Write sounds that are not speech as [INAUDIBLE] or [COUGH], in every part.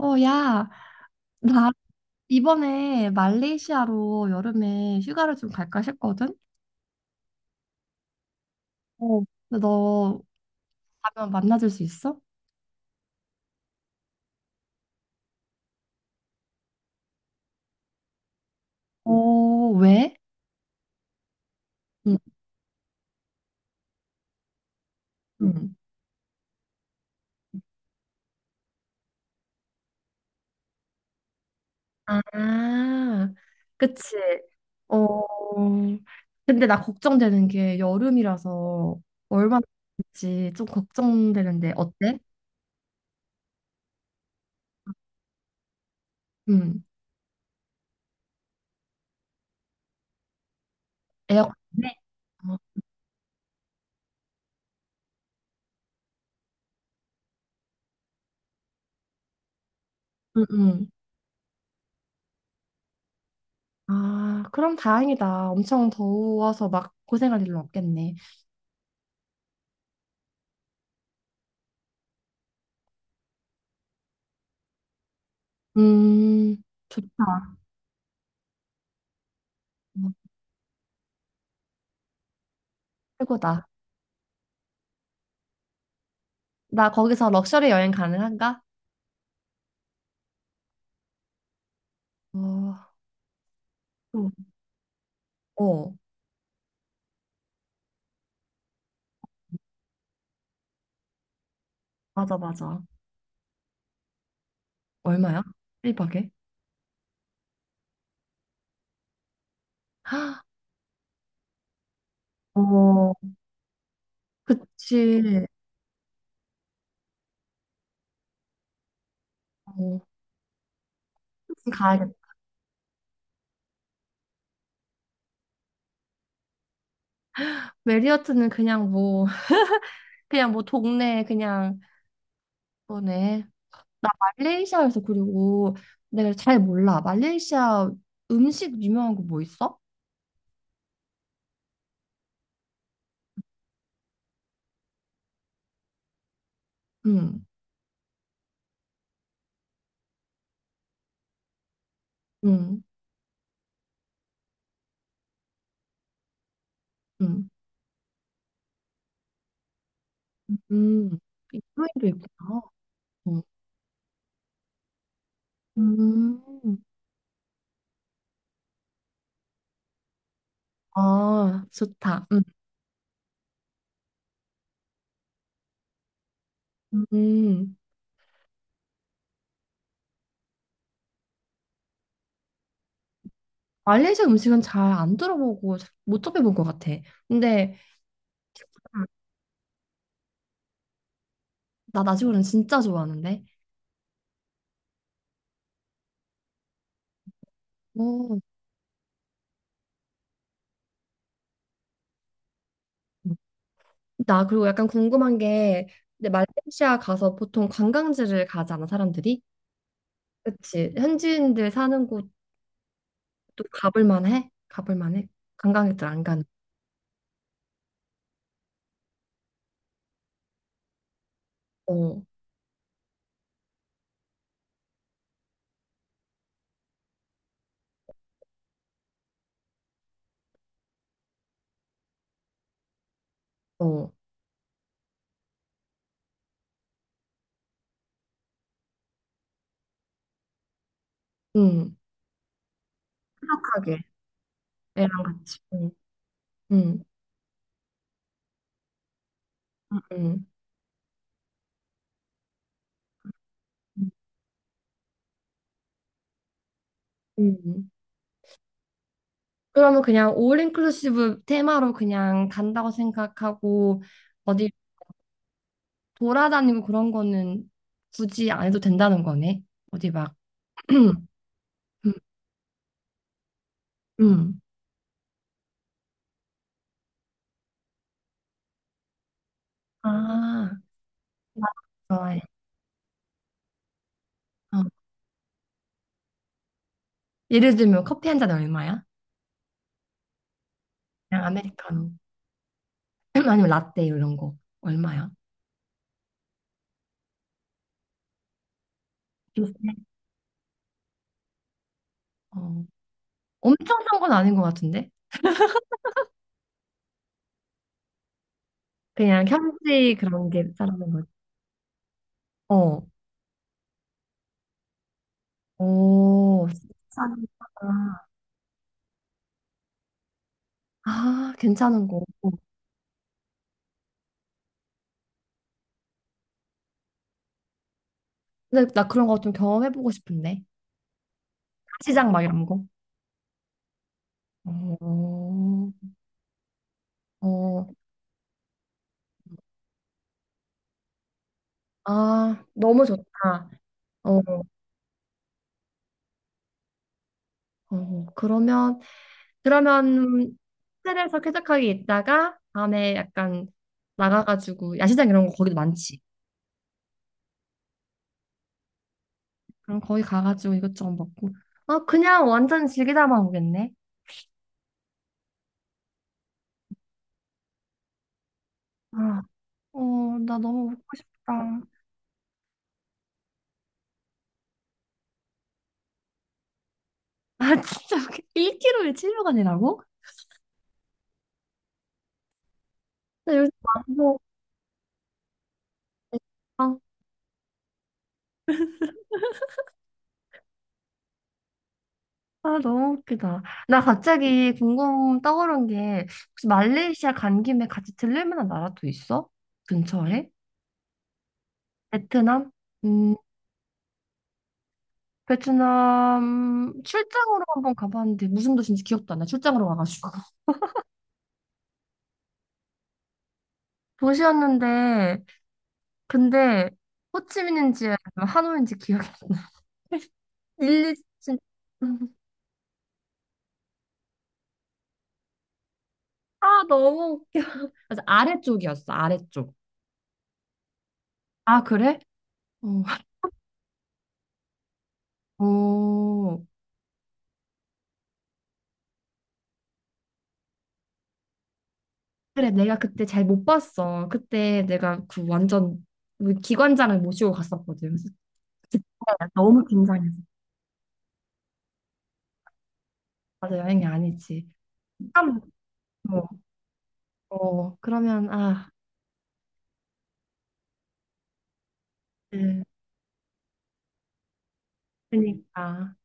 어, 야, 나 이번에 말레이시아로 여름에 휴가를 좀 갈까 싶거든? 어. 근데 너 가면 만나줄 수 있어? 어, 왜? 응, 응. 아, 그치. 어, 근데 나 걱정되는 게 여름이라서 얼마나 될지 좀 걱정되는데 어때? 응. 에어컨. 네. 어, 응, 응. 아, 그럼 다행이다. 엄청 더워서 막 고생할 일은 없겠네. 음, 좋다. 어, 최고다. 나 거기서 럭셔리 여행 가능한가? 어, 또, 어, 맞아, 맞아. 얼마야? 일박에. 아, 어, 그치. 어, 가야겠다. 메리어트는 그냥 뭐, [LAUGHS] 그냥 뭐 동네, 그냥 거네. 나 말레이시아에서 그리고 내가 잘 몰라. 말레이시아 음식 유명한 거 뭐 있어? 응, 응, 응, 응. 인도에도 있구나. 응. 음. 아, 좋다. 음. 음. 말레이시아 음식은 잘 안 들어보고 잘 못 접해본 것 같아. 근데 아, 나 나시고는 진짜 좋아하는데. 오. 나 그리고 약간 궁금한 게 근데 말레이시아 가서 보통 관광지를 가잖아, 사람들이. 그치. 현지인들 사는 곳도 가볼 만해? 가볼 만해? 관광객들 안 가는. 어, 어. 응. 푸석하게. 애랑 같이. 응. 응. 응. 응. 응. 응. 그러면 그냥 올 인클루시브 테마로 그냥 간다고 생각하고 어디 돌아다니고 그런 거는 굳이 안 해도 된다는 거네. 어디 막 [CLEARS THROAT] 음, 음. 아, 나 좋아해. 어. 예를 들면 커피 한 잔 얼마야? 그냥 아메리카노 [CLEARS THROAT] 아니면 라떼 이런 거 얼마야? 비슷해. 어. 엄청 싼 건 아닌 것 같은데? 그냥 현지 그런 게 싸라는 거지. 어. 오, 싸다. 아, 괜찮은 거. 근데 나 그런 거 좀 경험해보고 싶은데. 시장 막 이런 거. 어, 어, 아, 너무 좋다. 어, 어, 그러면, 그러면 호텔에서 쾌적하게 있다가 밤에 약간 나가가지고 야시장 이런 거 거기도 많지. 그럼 거기 가가지고 이것저것 먹고. 아, 그냥 완전 즐기다만 오겠네. 아, 어, 나 너무 먹고 싶다. 아, 진짜. 1kg에 700원이라고? 나 요즘 안 먹어. 아, 너무 웃기다. 나 갑자기 궁금 떠오른 게, 혹시 말레이시아 간 김에 같이 들릴 만한 나라도 있어? 근처에? 베트남? 음, 베트남 출장으로 한번 가봤는데, 무슨 도시인지 기억도 안 나. 출장으로 와가지고. [LAUGHS] 도시였는데, 근데, 호치민인지 아니면 하노이인지 기억이 [LAUGHS] 일리 진짜. 아, 너무 웃겨. 맞아, 아래쪽이었어, 아래쪽. 아, 그래? 어. 오. 그래, 내가 그때 잘 못 봤어. 그때 내가 그 완전 우리 기관장을 모시고 갔었거든. 그래서 그때 너무 긴장했어. 맞아, 여행이 아니지. 참, 뭐, 어, 그러면, 아, 네, 그러니까.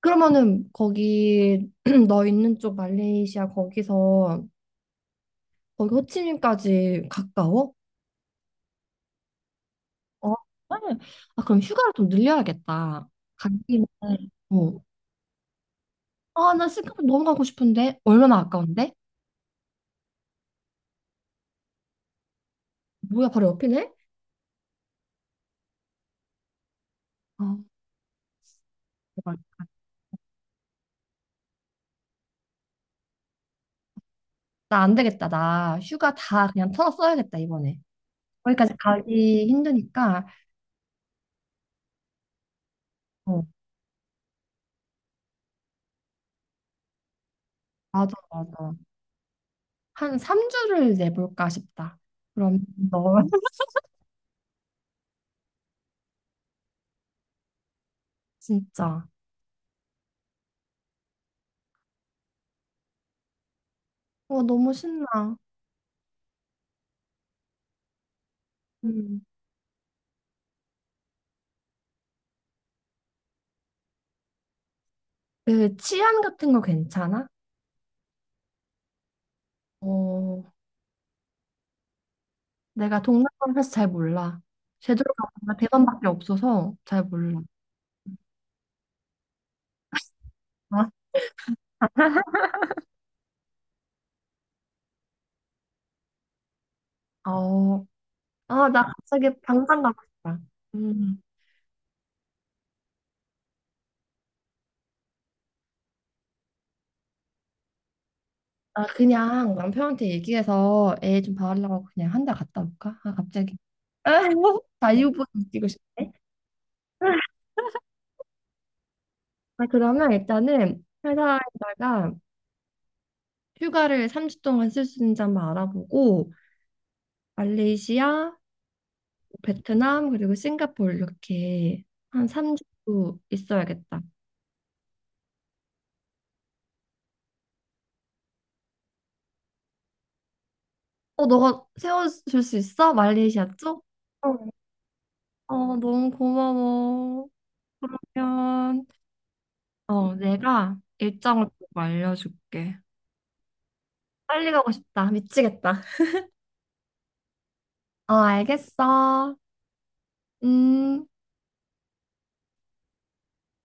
그러면은 거기 [CLEARS THROAT] 너 있는 쪽 말레이시아 거기서 거기 호치민까지 가까워? 어, 그래. 아, 그럼 휴가를 좀 늘려야겠다. 가기는. 어. 아, 나 싱가포르 너무 가고 싶은데 얼마나 아까운데? 뭐야, 바로 옆이네? 아, 나 안 되겠다. 나 휴가 다 그냥 털어 써야겠다, 이번에. 거기까지 가기 힘드니까. 어, 맞아, 맞아. 한 3주를 내볼까 싶다. 그럼 너 [LAUGHS] 진짜. 어, 너무 신나. 음. 그 치안 같은 거 괜찮아? 어, 내가 동남아를 사실 잘 몰라. 제주도가 대만밖에 없어서 잘 몰라. 아, 어, 아, 나 갑자기 당장 가고 싶다. 음. 아, 그냥 남편한테 얘기해서 애 좀 봐달라고 그냥 한 달 갔다 올까? 아, 갑자기. [LAUGHS] 자유분이 뛰고 싶네. 아, 그러면 일단은 회사에다가 휴가를 3주 동안 쓸 수 있는지 한번 알아보고 말레이시아, 베트남, 그리고 싱가포르 이렇게 한 3주 있어야겠다. 어, 너가 세워줄 수 있어? 말레이시아 쪽? 어, 어, 너무 고마워. 그러면 어, 내가 일정을 꼭 알려줄게. 빨리 가고 싶다. 미치겠다. 어, 알겠어. 음.